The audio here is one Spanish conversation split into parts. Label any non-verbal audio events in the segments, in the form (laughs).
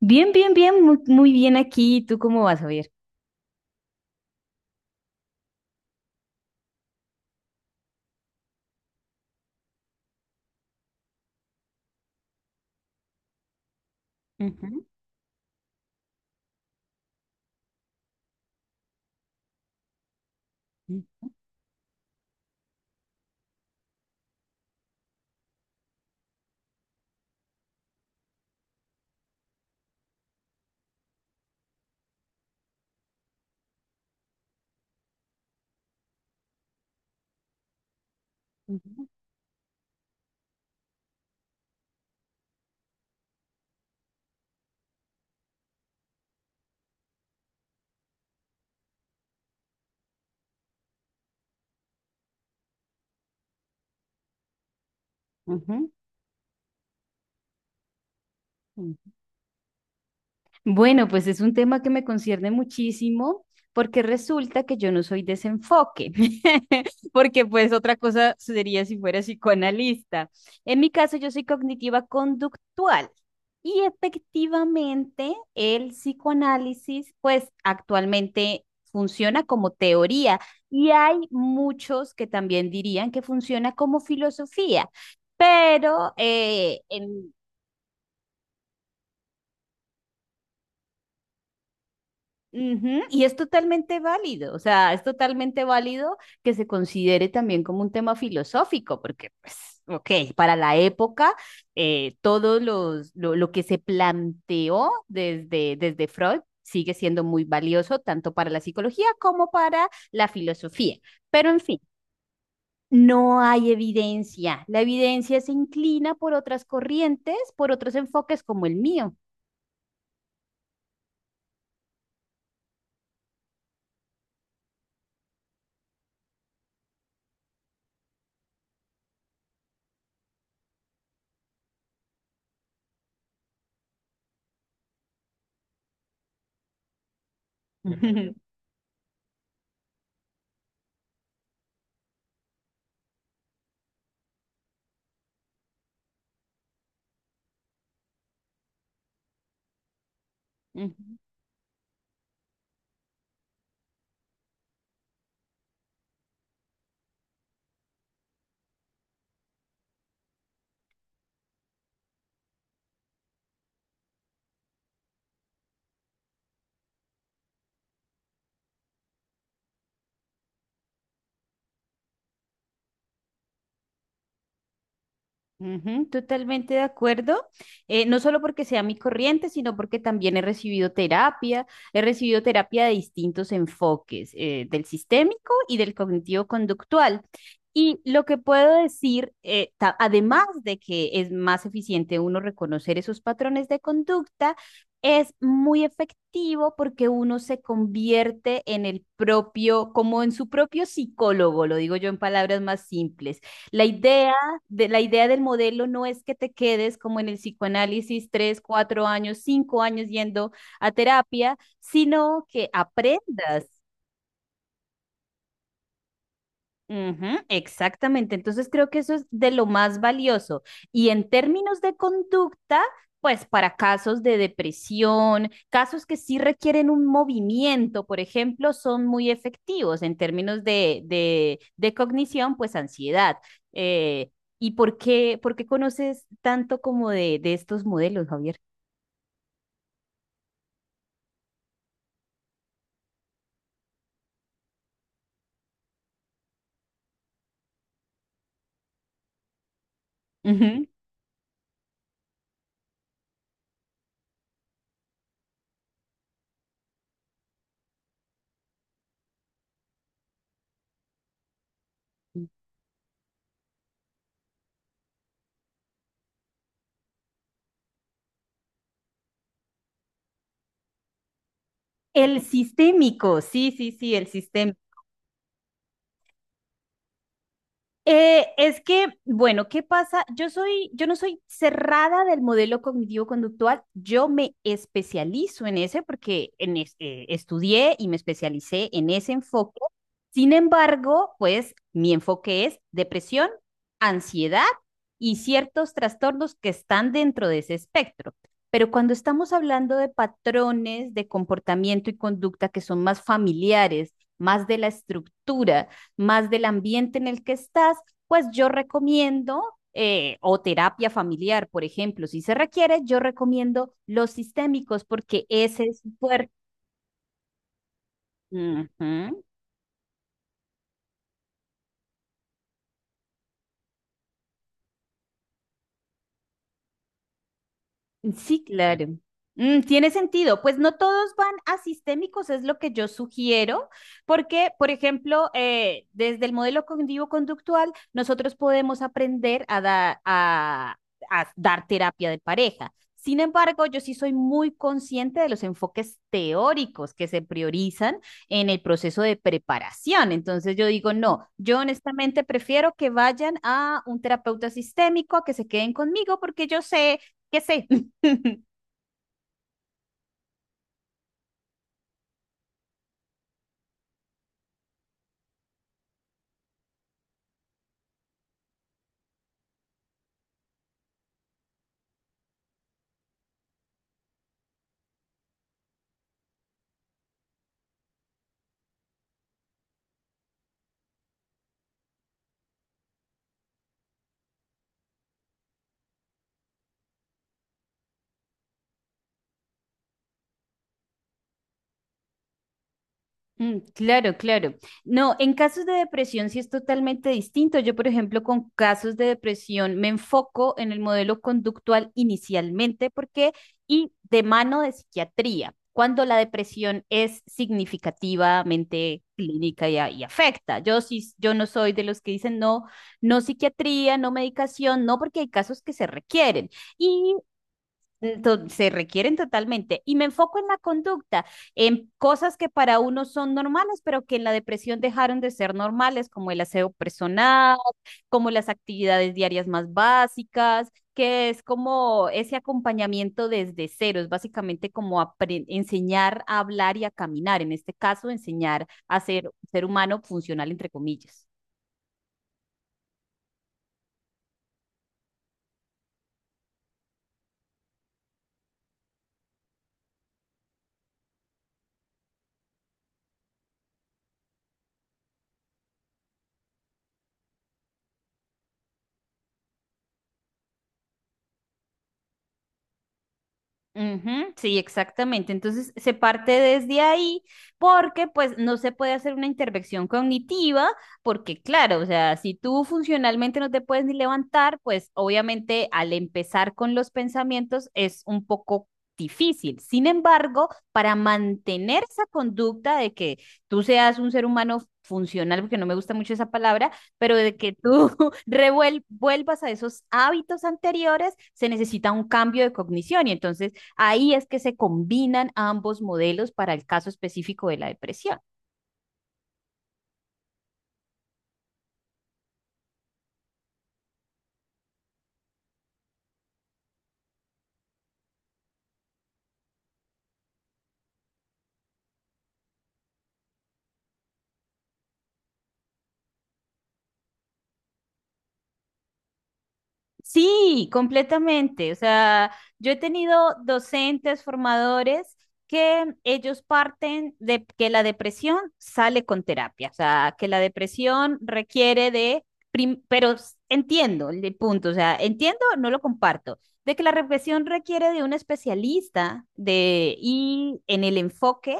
Bien, muy bien aquí. ¿Tú cómo vas, Javier? Ujú, ujú, ujú, ujú, ujú. Bueno, pues es un tema que me concierne muchísimo porque resulta que yo no soy desenfoque, (laughs) porque pues otra cosa sería si fuera psicoanalista. En mi caso yo soy cognitiva conductual y efectivamente el psicoanálisis pues actualmente funciona como teoría y hay muchos que también dirían que funciona como filosofía. Pero en ujú. Y es totalmente válido, o sea, es totalmente válido que se considere también como un tema filosófico, porque, pues, ok, para la época, lo que se planteó desde Freud sigue siendo muy valioso, tanto para la psicología como para la filosofía. Pero, en fin, no hay evidencia. La evidencia se inclina por otras corrientes, por otros enfoques como el mío. (laughs) Ujú. Ujú, totalmente de acuerdo. No solo porque sea mi corriente, sino porque también he recibido terapia de distintos enfoques, del sistémico y del cognitivo-conductual. Y lo que puedo decir, además de que es más eficiente uno reconocer esos patrones de conducta, es muy efectivo porque uno se convierte en el propio, como en su propio psicólogo, lo digo yo en palabras más simples. La idea la idea del modelo no es que te quedes como en el psicoanálisis tres, cuatro años, cinco años yendo a terapia, sino que aprendas. Ujú, exactamente. Entonces creo que eso es de lo más valioso. Y en términos de conducta, pues para casos de depresión, casos que sí requieren un movimiento, por ejemplo, son muy efectivos en términos de, de cognición, pues ansiedad. Eh, ¿y por qué conoces tanto como de estos modelos, Javier? Ujú. El sistémico, sí, sí, sí, el sistémico. Es que, bueno, ¿qué pasa? Yo no soy cerrada del modelo cognitivo conductual, yo me especializo en ese porque estudié y me especialicé en ese enfoque. Sin embargo, pues mi enfoque es depresión, ansiedad y ciertos trastornos que están dentro de ese espectro. Pero cuando estamos hablando de patrones de comportamiento y conducta que son más familiares, más de la estructura, más del ambiente en el que estás, pues yo recomiendo, o terapia familiar, por ejemplo, si se requiere, yo recomiendo los sistémicos porque ese es fuerte. Uh -huh. Sí, claro. Mm, tiene sentido. Pues no todos van a sistémicos, es lo que yo sugiero, porque, por ejemplo, desde el modelo cognitivo-conductual, nosotros podemos aprender a a dar terapia de pareja. Sin embargo, yo sí soy muy consciente de los enfoques teóricos que se priorizan en el proceso de preparación. Entonces yo digo, no, yo honestamente prefiero que vayan a un terapeuta sistémico a que se queden conmigo porque yo sé que sé. (laughs) Mm, claro, claro. No, en casos de depresión sí es totalmente distinto. Yo, por ejemplo, con casos de depresión me enfoco en el modelo conductual inicialmente porque y de mano de psiquiatría, cuando la depresión es significativamente clínica y afecta. Yo sí, yo no soy de los que dicen no, no psiquiatría, no medicación, no porque hay casos que se requieren. Se requieren totalmente. Y me enfoco en la conducta, en cosas que para uno son normales, pero que en la depresión dejaron de ser normales, como el aseo personal, como las actividades diarias más básicas, que es como ese acompañamiento desde cero, es básicamente como enseñar a hablar y a caminar, en este caso, enseñar a ser ser humano funcional, entre comillas. Ujú, sí, exactamente. Entonces se parte desde ahí porque pues no se puede hacer una intervención cognitiva porque claro, o sea, si tú funcionalmente no te puedes ni levantar, pues obviamente al empezar con los pensamientos es un poco difícil. Sin embargo, para mantener esa conducta de que tú seas un ser humano funcional, porque no me gusta mucho esa palabra, pero de que tú (laughs) vuelvas a esos hábitos anteriores, se necesita un cambio de cognición y entonces ahí es que se combinan ambos modelos para el caso específico de la depresión. Sí, completamente. O sea, yo he tenido docentes, formadores, que ellos parten de que la depresión sale con terapia, o sea, que la depresión requiere de, entiendo el punto, o sea, entiendo, no lo comparto, de que la depresión requiere de un especialista de, y en el enfoque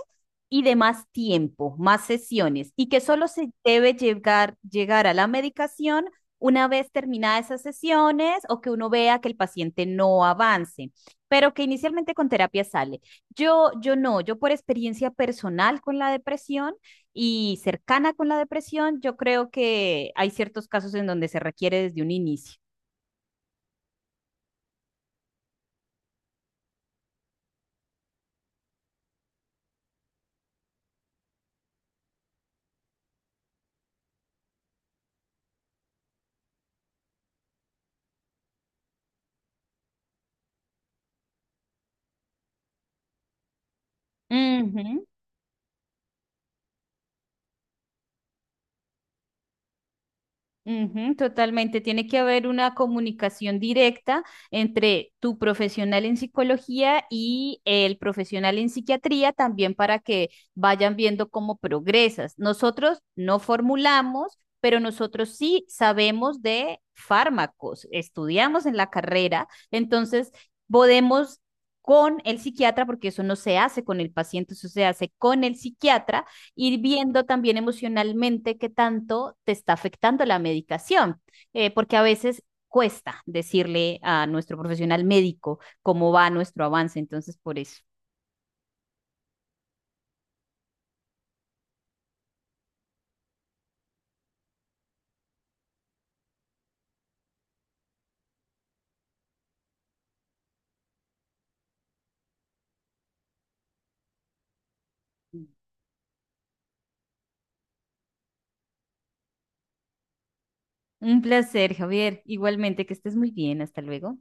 y de más tiempo, más sesiones, y que solo se debe llegar, llegar a la medicación una vez terminadas esas sesiones o que uno vea que el paciente no avance, pero que inicialmente con terapia sale. Yo no, yo por experiencia personal con la depresión y cercana con la depresión, yo creo que hay ciertos casos en donde se requiere desde un inicio. Ujú. Ujú, totalmente. Tiene que haber una comunicación directa entre tu profesional en psicología y el profesional en psiquiatría también para que vayan viendo cómo progresas. Nosotros no formulamos, pero nosotros sí sabemos de fármacos, estudiamos en la carrera, entonces podemos... con el psiquiatra, porque eso no se hace con el paciente, eso se hace con el psiquiatra, ir viendo también emocionalmente qué tanto te está afectando la medicación, porque a veces cuesta decirle a nuestro profesional médico cómo va nuestro avance, entonces por eso. Un placer, Javier. Igualmente, que estés muy bien. Hasta luego.